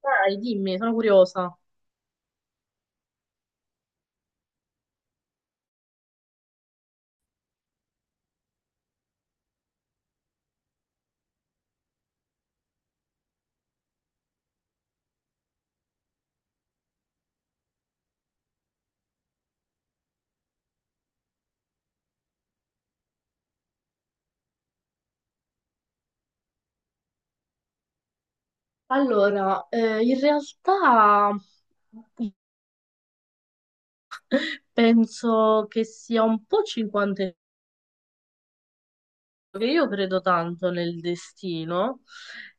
Dai, dimmi, sono curiosa. Allora, in realtà penso che sia un po' 50 e che io credo tanto nel destino,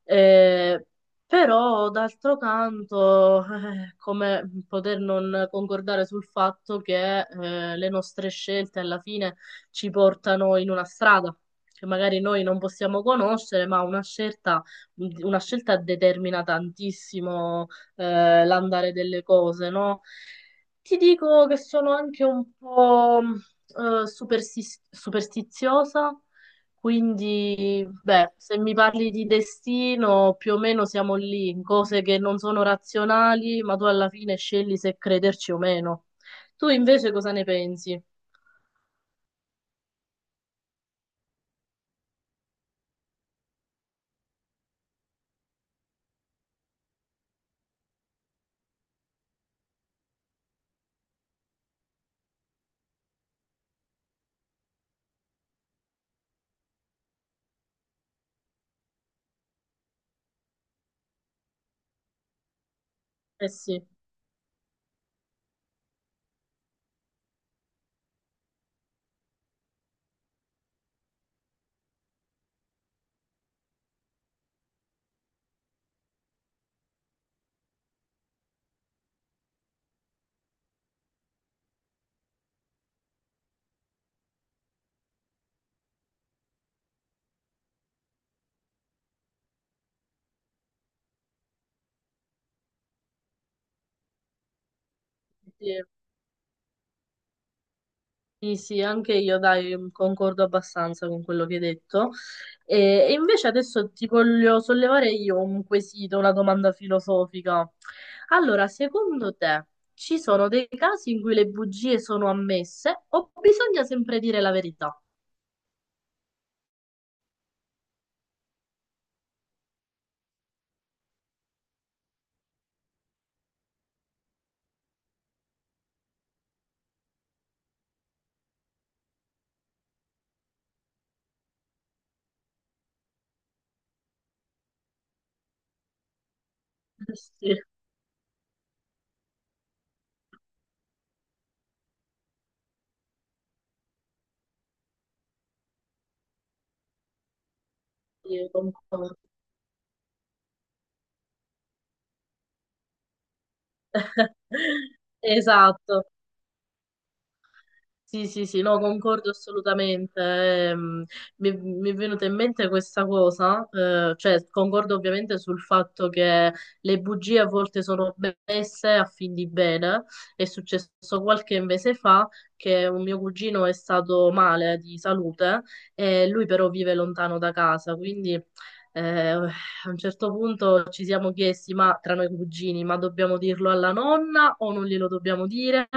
eh, però d'altro canto, come poter non concordare sul fatto che le nostre scelte alla fine ci portano in una strada che magari noi non possiamo conoscere, ma una scelta determina tantissimo, l'andare delle cose, no? Ti dico che sono anche un po' superstiziosa, quindi beh, se mi parli di destino, più o meno siamo lì, in cose che non sono razionali, ma tu alla fine scegli se crederci o meno. Tu invece cosa ne pensi? Eh sì, sì. Sì, sì, anche io, dai, concordo abbastanza con quello che hai detto. E, e invece adesso ti voglio sollevare io un quesito, una domanda filosofica. Allora, secondo te ci sono dei casi in cui le bugie sono ammesse o bisogna sempre dire la verità? Sì, sì, concordo. Esatto. Sì, sì, sì, no, concordo assolutamente. Mi è venuta in mente questa cosa, cioè concordo ovviamente sul fatto che le bugie a volte sono messe a fin di bene. È successo qualche mese fa che un mio cugino è stato male di salute e lui però vive lontano da casa, quindi a un certo punto ci siamo chiesti, ma tra noi cugini, ma dobbiamo dirlo alla nonna o non glielo dobbiamo dire?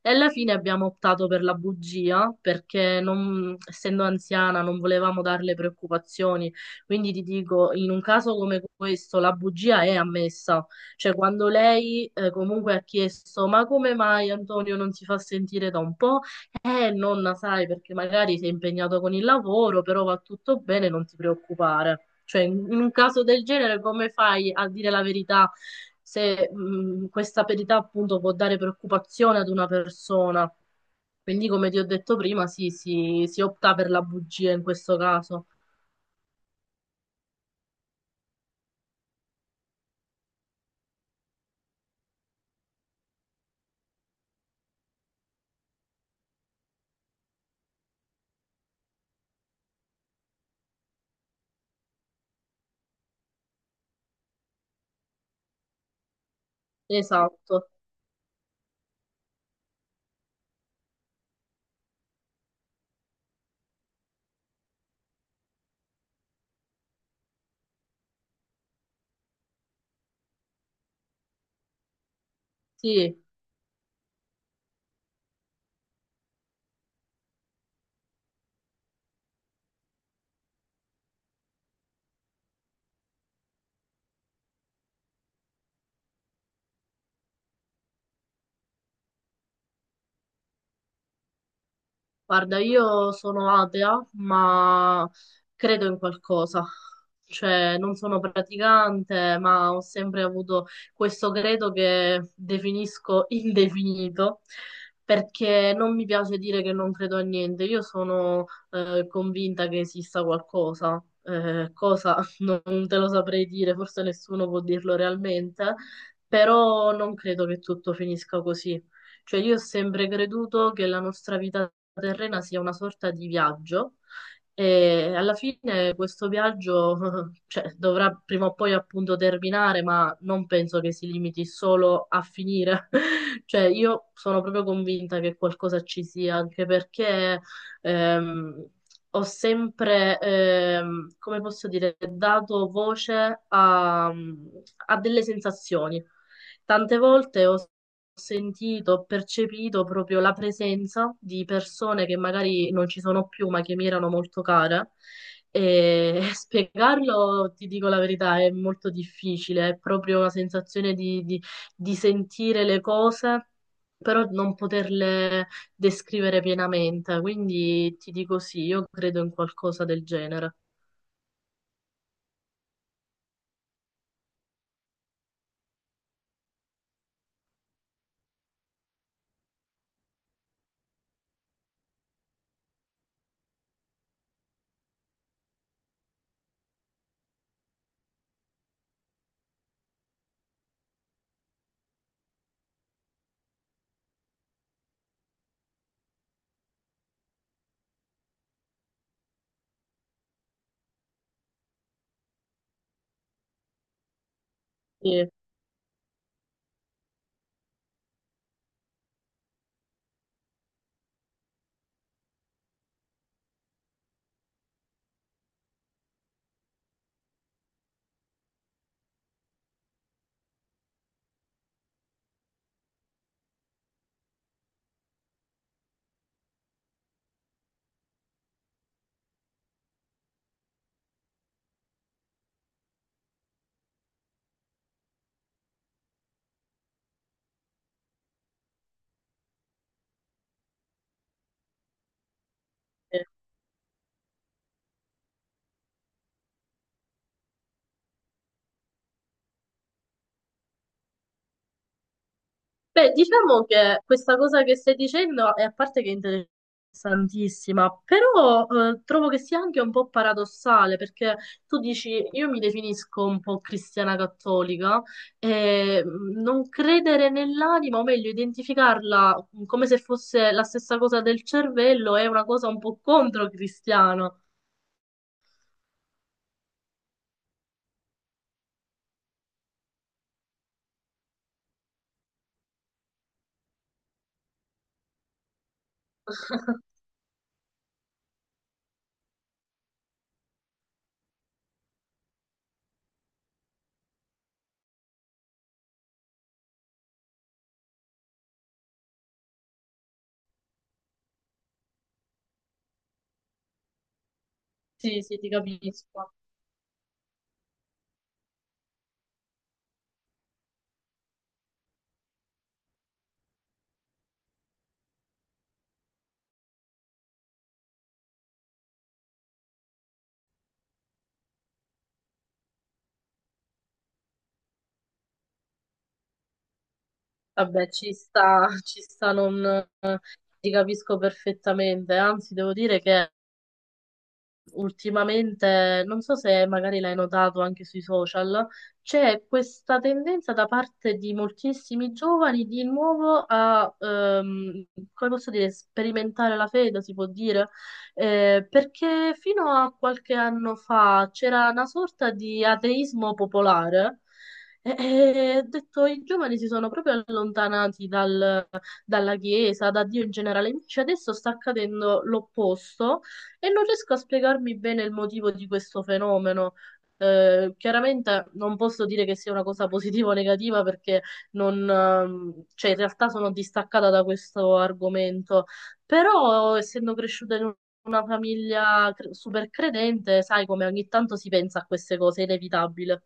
E alla fine abbiamo optato per la bugia perché essendo anziana non volevamo darle preoccupazioni. Quindi ti dico, in un caso come questo la bugia è ammessa. Cioè quando lei comunque ha chiesto ma come mai Antonio non si fa sentire da un po'? Nonna, sai, perché magari sei impegnato con il lavoro, però va tutto bene, non ti preoccupare. Cioè, in un caso del genere, come fai a dire la verità se questa verità appunto può dare preoccupazione ad una persona? Quindi, come ti ho detto prima, sì, sì, si opta per la bugia in questo caso. Esatto, sì. Guarda, io sono atea, ma credo in qualcosa. Cioè, non sono praticante, ma ho sempre avuto questo credo che definisco indefinito, perché non mi piace dire che non credo a niente. Io sono convinta che esista qualcosa. Cosa non te lo saprei dire, forse nessuno può dirlo realmente, però non credo che tutto finisca così. Cioè io ho sempre creduto che la nostra vita terrena sia una sorta di viaggio e alla fine questo viaggio, cioè, dovrà prima o poi appunto terminare, ma non penso che si limiti solo a finire. Cioè io sono proprio convinta che qualcosa ci sia, anche perché ehm, ho sempre, come posso dire, dato voce a delle sensazioni. Tante volte ho sentito, ho percepito proprio la presenza di persone che magari non ci sono più, ma che mi erano molto care. E spiegarlo, ti dico la verità, è molto difficile, è proprio una sensazione di sentire le cose, però non poterle descrivere pienamente. Quindi ti dico sì, io credo in qualcosa del genere. Sì, sì. Beh, diciamo che questa cosa che stai dicendo è a parte che è interessantissima, però trovo che sia anche un po' paradossale perché tu dici io mi definisco un po' cristiana cattolica e non credere nell'anima, o meglio, identificarla, come se fosse la stessa cosa del cervello è una cosa un po' controcristiana. Sì, sì, ti capisco. Vabbè, ci sta non... eh, Ti capisco perfettamente, anzi devo dire che ultimamente, non so se magari l'hai notato anche sui social, c'è questa tendenza da parte di moltissimi giovani di nuovo a, come posso dire, sperimentare la fede, si può dire. Perché fino a qualche anno fa c'era una sorta di ateismo popolare. E ho detto, i giovani si sono proprio allontanati dalla Chiesa, da Dio in generale. Invece adesso sta accadendo l'opposto, e non riesco a spiegarmi bene il motivo di questo fenomeno. Chiaramente non posso dire che sia una cosa positiva o negativa perché non, cioè, in realtà sono distaccata da questo argomento, però essendo cresciuta in una famiglia super credente, sai come ogni tanto si pensa a queste cose, è inevitabile.